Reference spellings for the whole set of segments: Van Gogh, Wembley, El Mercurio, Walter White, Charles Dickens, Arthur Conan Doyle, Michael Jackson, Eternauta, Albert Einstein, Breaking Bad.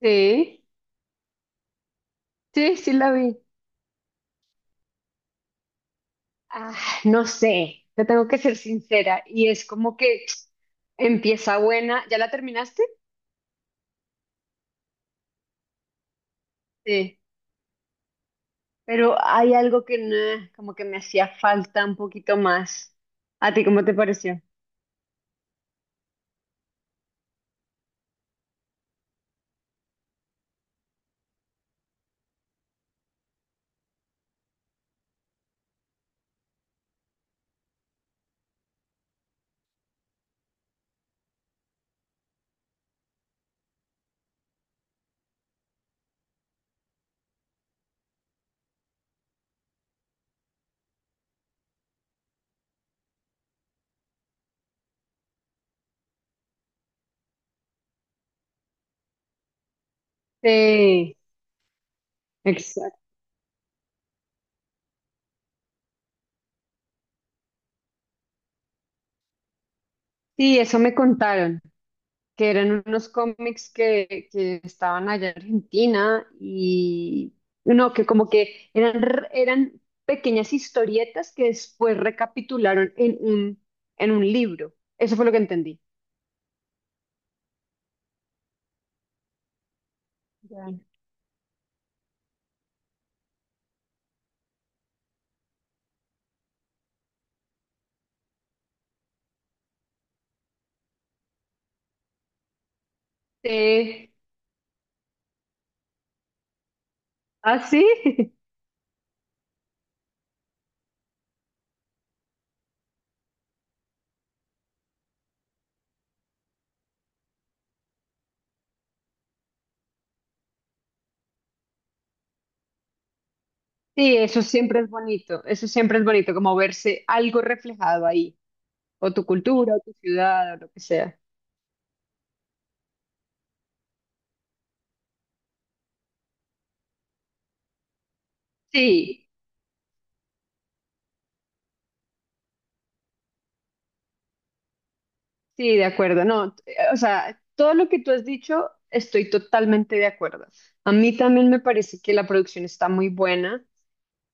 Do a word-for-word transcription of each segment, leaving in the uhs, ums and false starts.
Sí, sí, sí la vi. Ah, no sé, te tengo que ser sincera. Y es como que empieza buena. ¿Ya la terminaste? Sí. Pero hay algo que no, como que me hacía falta un poquito más. ¿A ti cómo te pareció? Sí, exacto. Sí, eso me contaron. que eran unos cómics que, que estaban allá en Argentina y no, que como que eran, r- eran pequeñas historietas que después recapitularon en un, en un libro. Eso fue lo que entendí. Ya. Sí. ¿Ah, sí? Sí, eso siempre es bonito, eso siempre es bonito, como verse algo reflejado ahí, o tu cultura, o tu ciudad, o lo que sea. Sí. Sí, de acuerdo. No, t- eh, o sea, todo lo que tú has dicho, estoy totalmente de acuerdo. A mí también me parece que la producción está muy buena,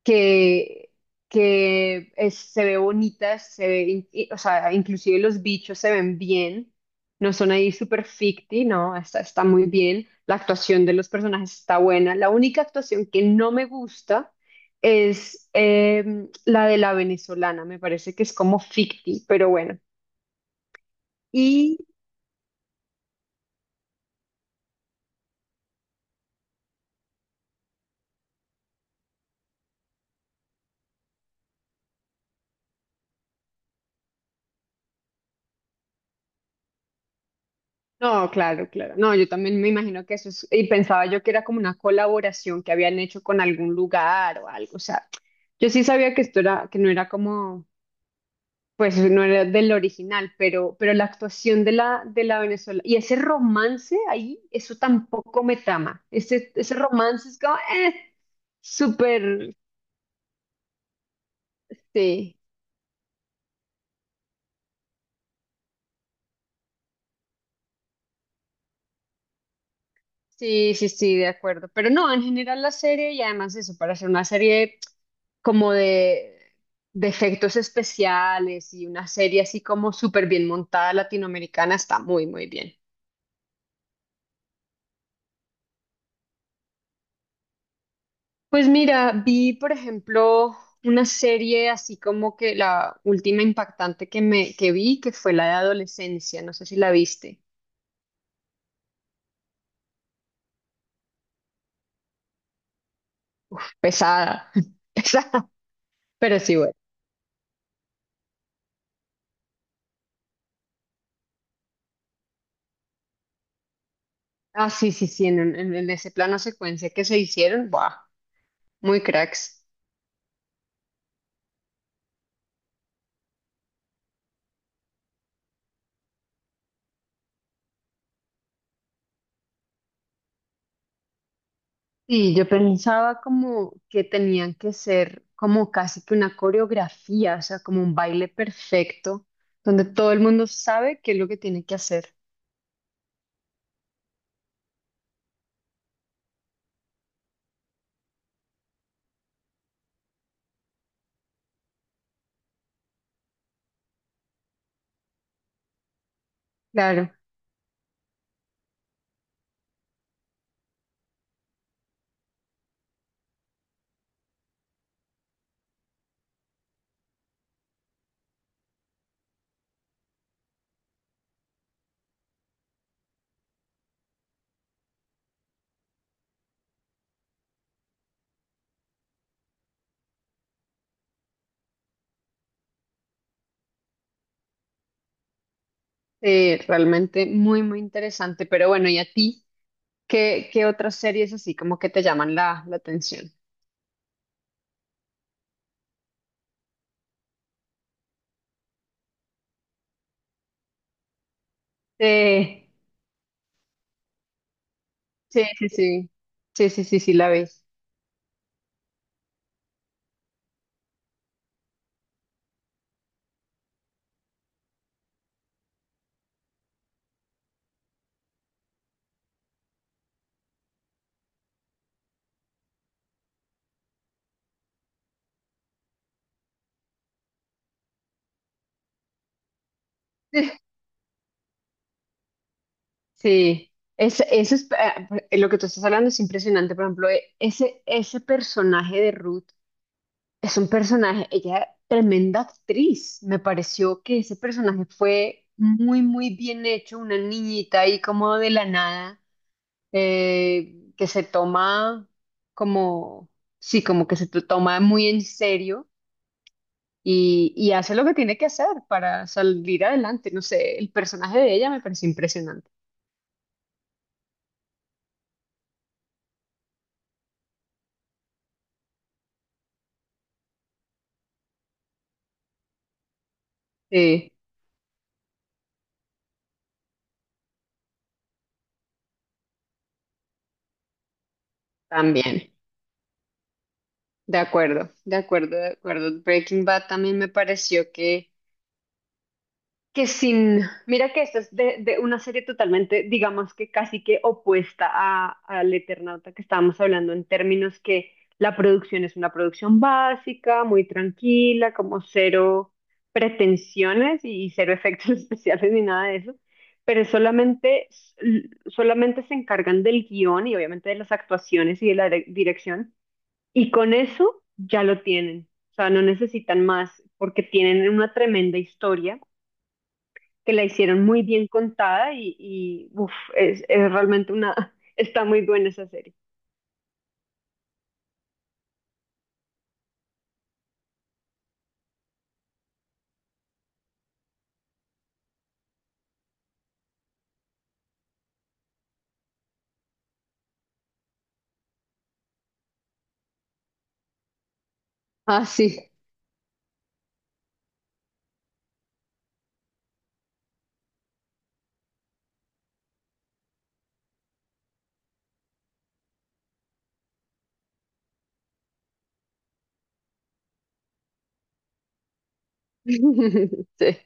que, que es- se ve bonita, se ve, in- y- o sea, inclusive los bichos se ven bien, no son ahí súper ficti, no, está, está muy bien. La actuación de los personajes está buena. La única actuación que no me gusta es em, la de la venezolana, me parece que es como ficti, pero bueno. No, claro, claro. No, yo también me imagino que eso es, y pensaba yo que era como una colaboración que habían hecho con algún lugar o algo. O sea, yo sí sabía que esto era, que no era como, pues no era del original, pero, pero la actuación de la, de la Venezuela y ese romance ahí, eso tampoco me trama. Ese, ese romance es como, eh, súper, sí. Sí, sí, sí, de acuerdo. Pero no, en general la serie y además eso, para hacer una serie como de, de efectos especiales y una serie así como súper bien montada latinoamericana está muy, muy bien. Pues mira, vi por ejemplo una serie así como que la última impactante que me que vi, que fue la de adolescencia, no sé si la viste. Pesada, pesada, pero sí, bueno. Ah, sí, sí, sí, en, en- en ese plano secuencia que se hicieron, ¡buah! Muy cracks. Sí, yo pensaba como que tenían que ser como casi que una coreografía, o sea, como un baile perfecto, donde todo el mundo sabe qué es lo que tiene que hacer. Claro, eh, realmente muy, muy interesante. Pero bueno, ¿y a ti? ¿Qué, qué otras series así como que te llaman la, la atención? Sí, sí, sí, sí, sí, sí, sí, sí, la ves. Sí, es, eso es, eh, lo que tú estás hablando es impresionante. Por ejemplo, eh, ese, ese personaje de Ruth. Es un personaje, ella tremenda actriz. Me pareció que ese personaje fue muy, muy bien hecho, una niñita ahí como de la nada, eh, que se toma como, sí, como que se to- toma muy en serio y, y hace lo que tiene que hacer para salir adelante. No sé, el personaje de ella me pareció impresionante. Sí, también. De acuerdo, de acuerdo, de acuerdo. Breaking Bad también me pareció que que sin, mira que esto es de, de una serie totalmente, digamos que casi que opuesta a, al Eternauta que estábamos hablando en términos que la producción es una producción básica, muy tranquila, como cero pretensiones y cero efectos especiales ni nada de eso, pero solamente, solamente se encargan del guión y obviamente de las actuaciones y de la dire- dirección y con eso ya lo tienen, o sea, no necesitan más porque tienen una tremenda historia que la hicieron muy bien contada y, y uf, es, es realmente una, está muy buena esa serie. Ah, sí. Sí,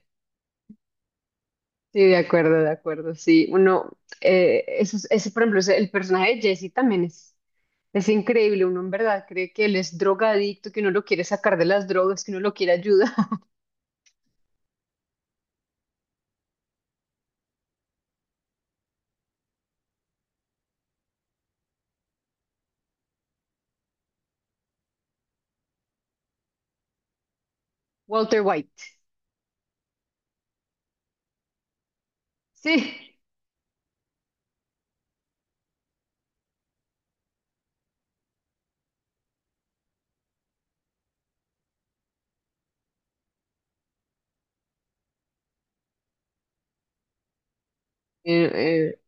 sí, de acuerdo, de acuerdo. Sí, uno, eh, eso, es- ese, por ejemplo, ese- el personaje de Jesse también es, es increíble. Uno en verdad cree que él es drogadicto, que uno lo quiere sacar de las drogas, que uno lo quiere ayudar. Walter White. Sí. Eh, eh,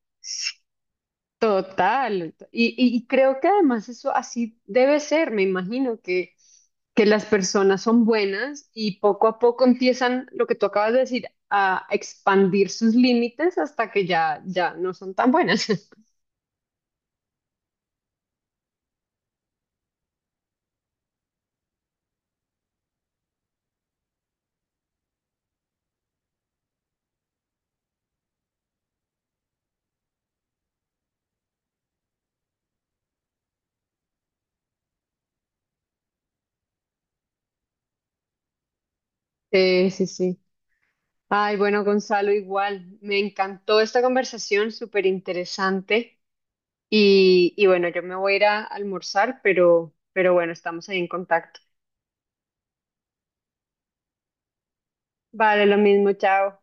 Total. Y, y y creo que además eso así debe ser. Me imagino que, que las personas son buenas y poco a poco empiezan, lo que tú acabas de decir, a expandir sus límites hasta que ya, ya no son tan buenas. Sí, sí, sí. Ay, bueno, Gonzalo, igual. Me encantó esta conversación, súper interesante. Y, y bueno, yo me voy a ir a almorzar, pero, pero bueno, estamos ahí en contacto. Vale, lo mismo, chao.